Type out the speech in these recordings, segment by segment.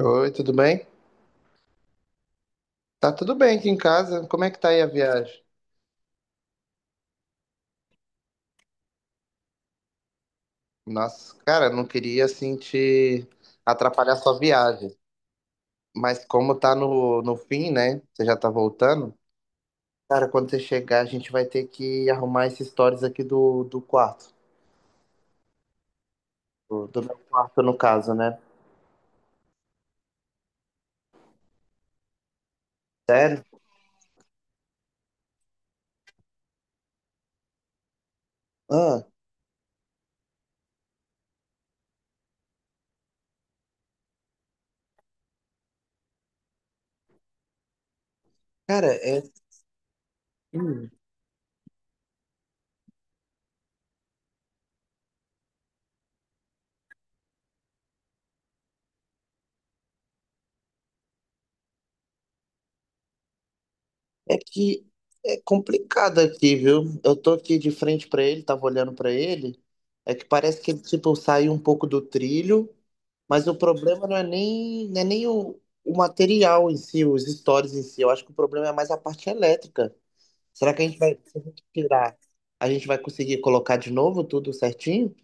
Oi, tudo bem? Tá tudo bem aqui em casa. Como é que tá aí a viagem? Nossa, cara, não queria assim te atrapalhar sua viagem, mas como tá no fim, né? Você já tá voltando. Cara, quando você chegar, a gente vai ter que arrumar esses stories aqui do quarto, do meu quarto no caso, né? Sério? Ah, cara, é, hum, é que é complicado aqui, viu? Eu tô aqui de frente pra ele, tava olhando pra ele. É que parece que ele, tipo, saiu um pouco do trilho. Mas o problema não é nem o material em si, os stories em si. Eu acho que o problema é mais a parte elétrica. Será que a gente vai, se a gente tirar, a gente vai conseguir colocar de novo tudo certinho?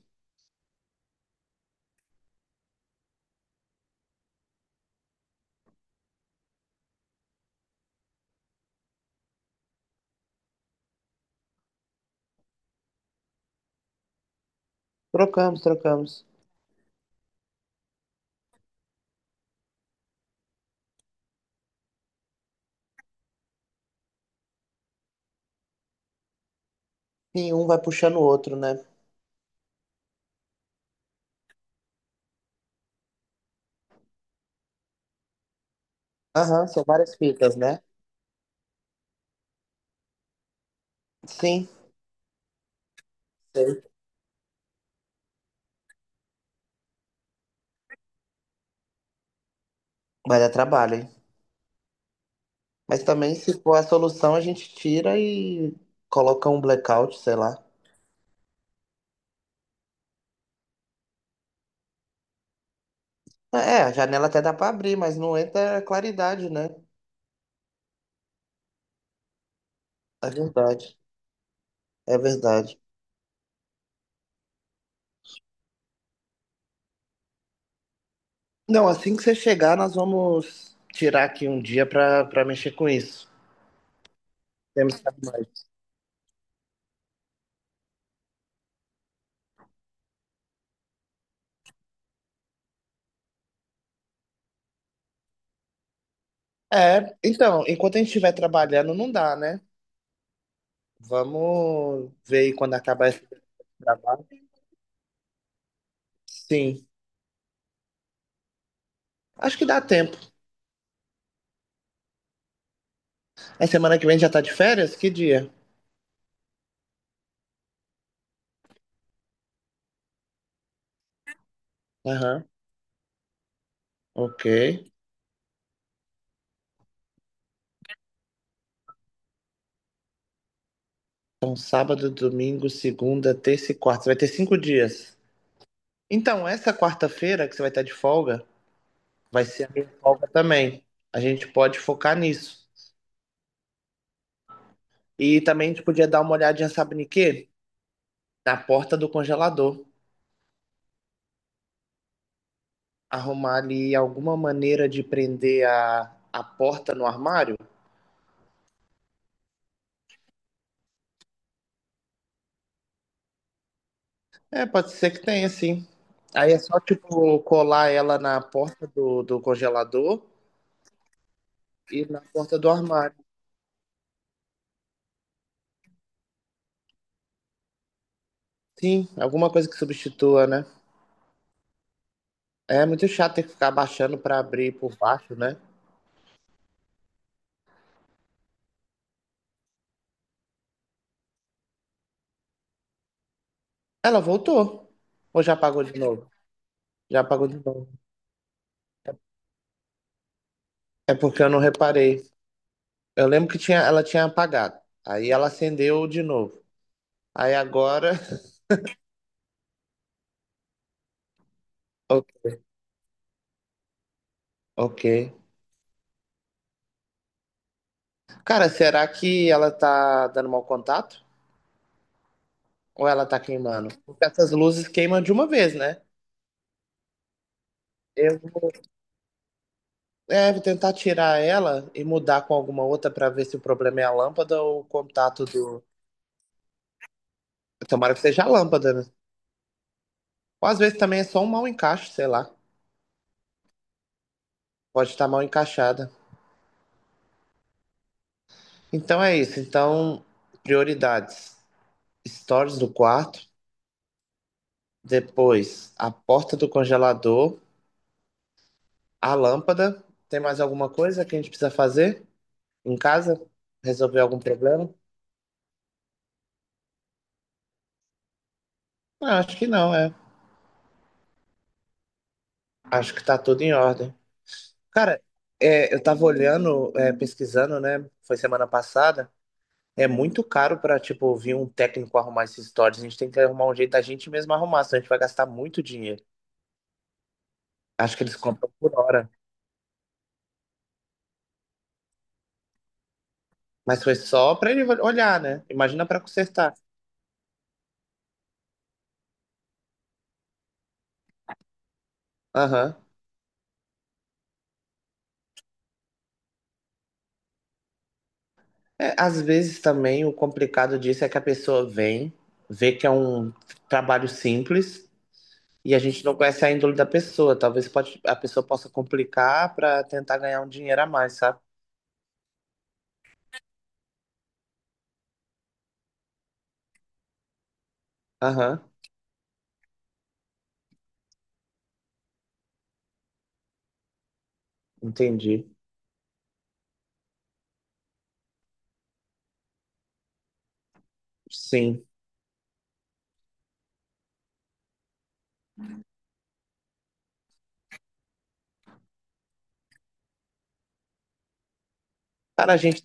Trocamos, trocamos. Sim, um vai puxando o outro, né? Aham, são várias fitas, né? Sim, sei. Vai dar trabalho, hein? Mas também, se for a solução, a gente tira e coloca um blackout, sei lá. É, a janela até dá pra abrir, mas não entra claridade, né? É verdade, é verdade. Não, assim que você chegar, nós vamos tirar aqui um dia para mexer com isso. Temos que arrumar isso. É, então, enquanto a gente estiver trabalhando, não dá, né? Vamos ver aí quando acabar esse trabalho. Sim, acho que dá tempo. A semana que vem já tá de férias? Que dia? Aham, ok. Então, sábado, domingo, segunda, terça e quarta. Você vai ter cinco dias. Então, essa quarta-feira que você vai estar de folga, vai ser a minha folga também. A gente pode focar nisso. E também a gente podia dar uma olhadinha, sabe em quê? Na porta do congelador. Arrumar ali alguma maneira de prender a porta no armário? É, pode ser que tenha, sim. Aí é só, tipo, colar ela na porta do congelador e na porta do armário. Sim, alguma coisa que substitua, né? É muito chato ter que ficar abaixando pra abrir por baixo, né? Ela voltou. Ou já apagou de novo? Já apagou de novo. É porque eu não reparei. Eu lembro que tinha, ela tinha apagado. Aí ela acendeu de novo. Aí agora. o- Ok. Cara, será que ela tá dando mau contato? Ou ela tá queimando? Porque essas luzes queimam de uma vez, né? Eu vou, é, vou tentar tirar ela e mudar com alguma outra pra ver se o problema é a lâmpada ou o contato do. Tomara que seja a lâmpada, né? Ou às vezes também é só um mau encaixe, sei lá. Pode estar mal encaixada. Então é isso. Então, prioridades. Stories do quarto. Depois, a porta do congelador, a lâmpada. Tem mais alguma coisa que a gente precisa fazer em casa? Resolver algum problema? Ah, acho que não, é. Acho que tá tudo em ordem. Cara, é, eu tava olhando, é, pesquisando, né? Foi semana passada. É muito caro pra, tipo, vir um técnico arrumar esses stories. A gente tem que arrumar um jeito da gente mesmo arrumar, senão a gente vai gastar muito dinheiro. Acho que eles compram por hora. Mas foi só pra ele olhar, né? Imagina pra consertar. Aham. É, às vezes também o complicado disso é que a pessoa vem, vê que é um trabalho simples e a gente não conhece a índole da pessoa. Talvez pode, a pessoa possa complicar para tentar ganhar um dinheiro a mais, sabe? Aham, entendi. Sim. Cara, a gente.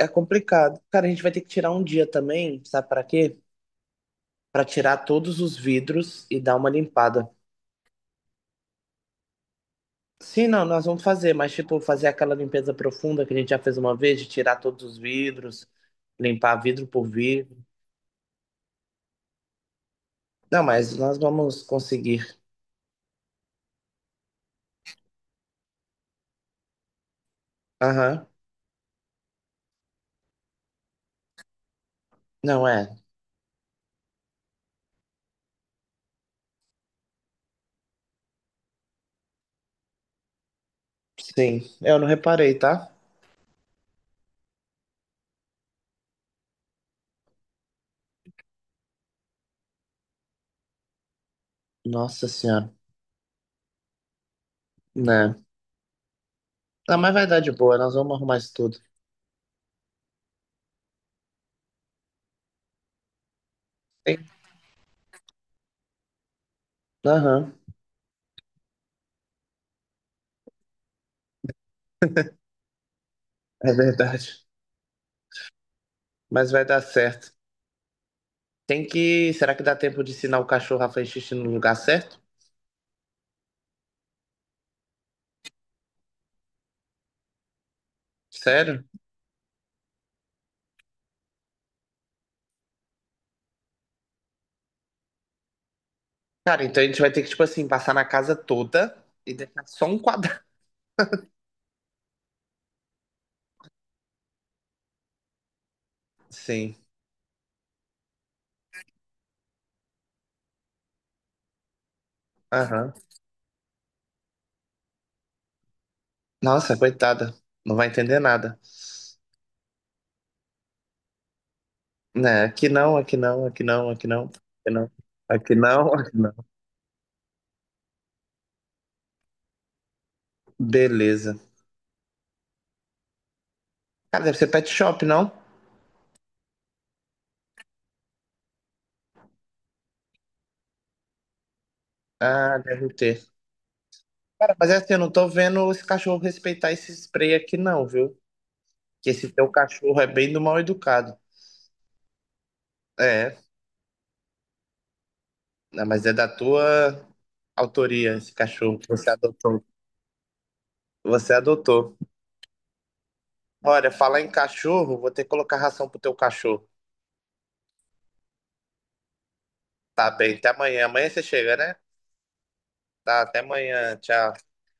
É, é complicado. Cara, a gente vai ter que tirar um dia também, sabe para quê? Para tirar todos os vidros e dar uma limpada. Sim, não, nós vamos fazer, mas tipo, fazer aquela limpeza profunda que a gente já fez uma vez, de tirar todos os vidros, limpar vidro por vidro. Não, mas nós vamos conseguir. Aham. Não é. Sim. Eu não reparei, tá? Nossa senhora. Né. Não, mas vai dar de boa. Nós vamos arrumar isso tudo. Tem- Aham. É verdade. Mas vai dar certo. Tem que. Será que dá tempo de ensinar o cachorro a fazer xixi no lugar certo? Sério? Cara, então a gente vai ter que, tipo assim, passar na casa toda e deixar só um quadrado. Sim. Aham. Nossa, coitada. Não vai entender nada. Né? Aqui não, aqui não, aqui não, aqui não, aqui não, aqui não, aqui não. Beleza. Cara, deve ser pet shop, não? Ah, deve ter. Cara, mas é assim, eu não tô vendo esse cachorro respeitar esse spray aqui, não, viu? Que esse teu cachorro é bem do mal educado. É, né, mas é da tua autoria esse cachorro que você adotou. Você adotou. Olha, falar em cachorro, vou ter que colocar ração pro teu cachorro. Tá bem, até amanhã. Amanhã você chega, né? Tá, até amanhã. Tchau.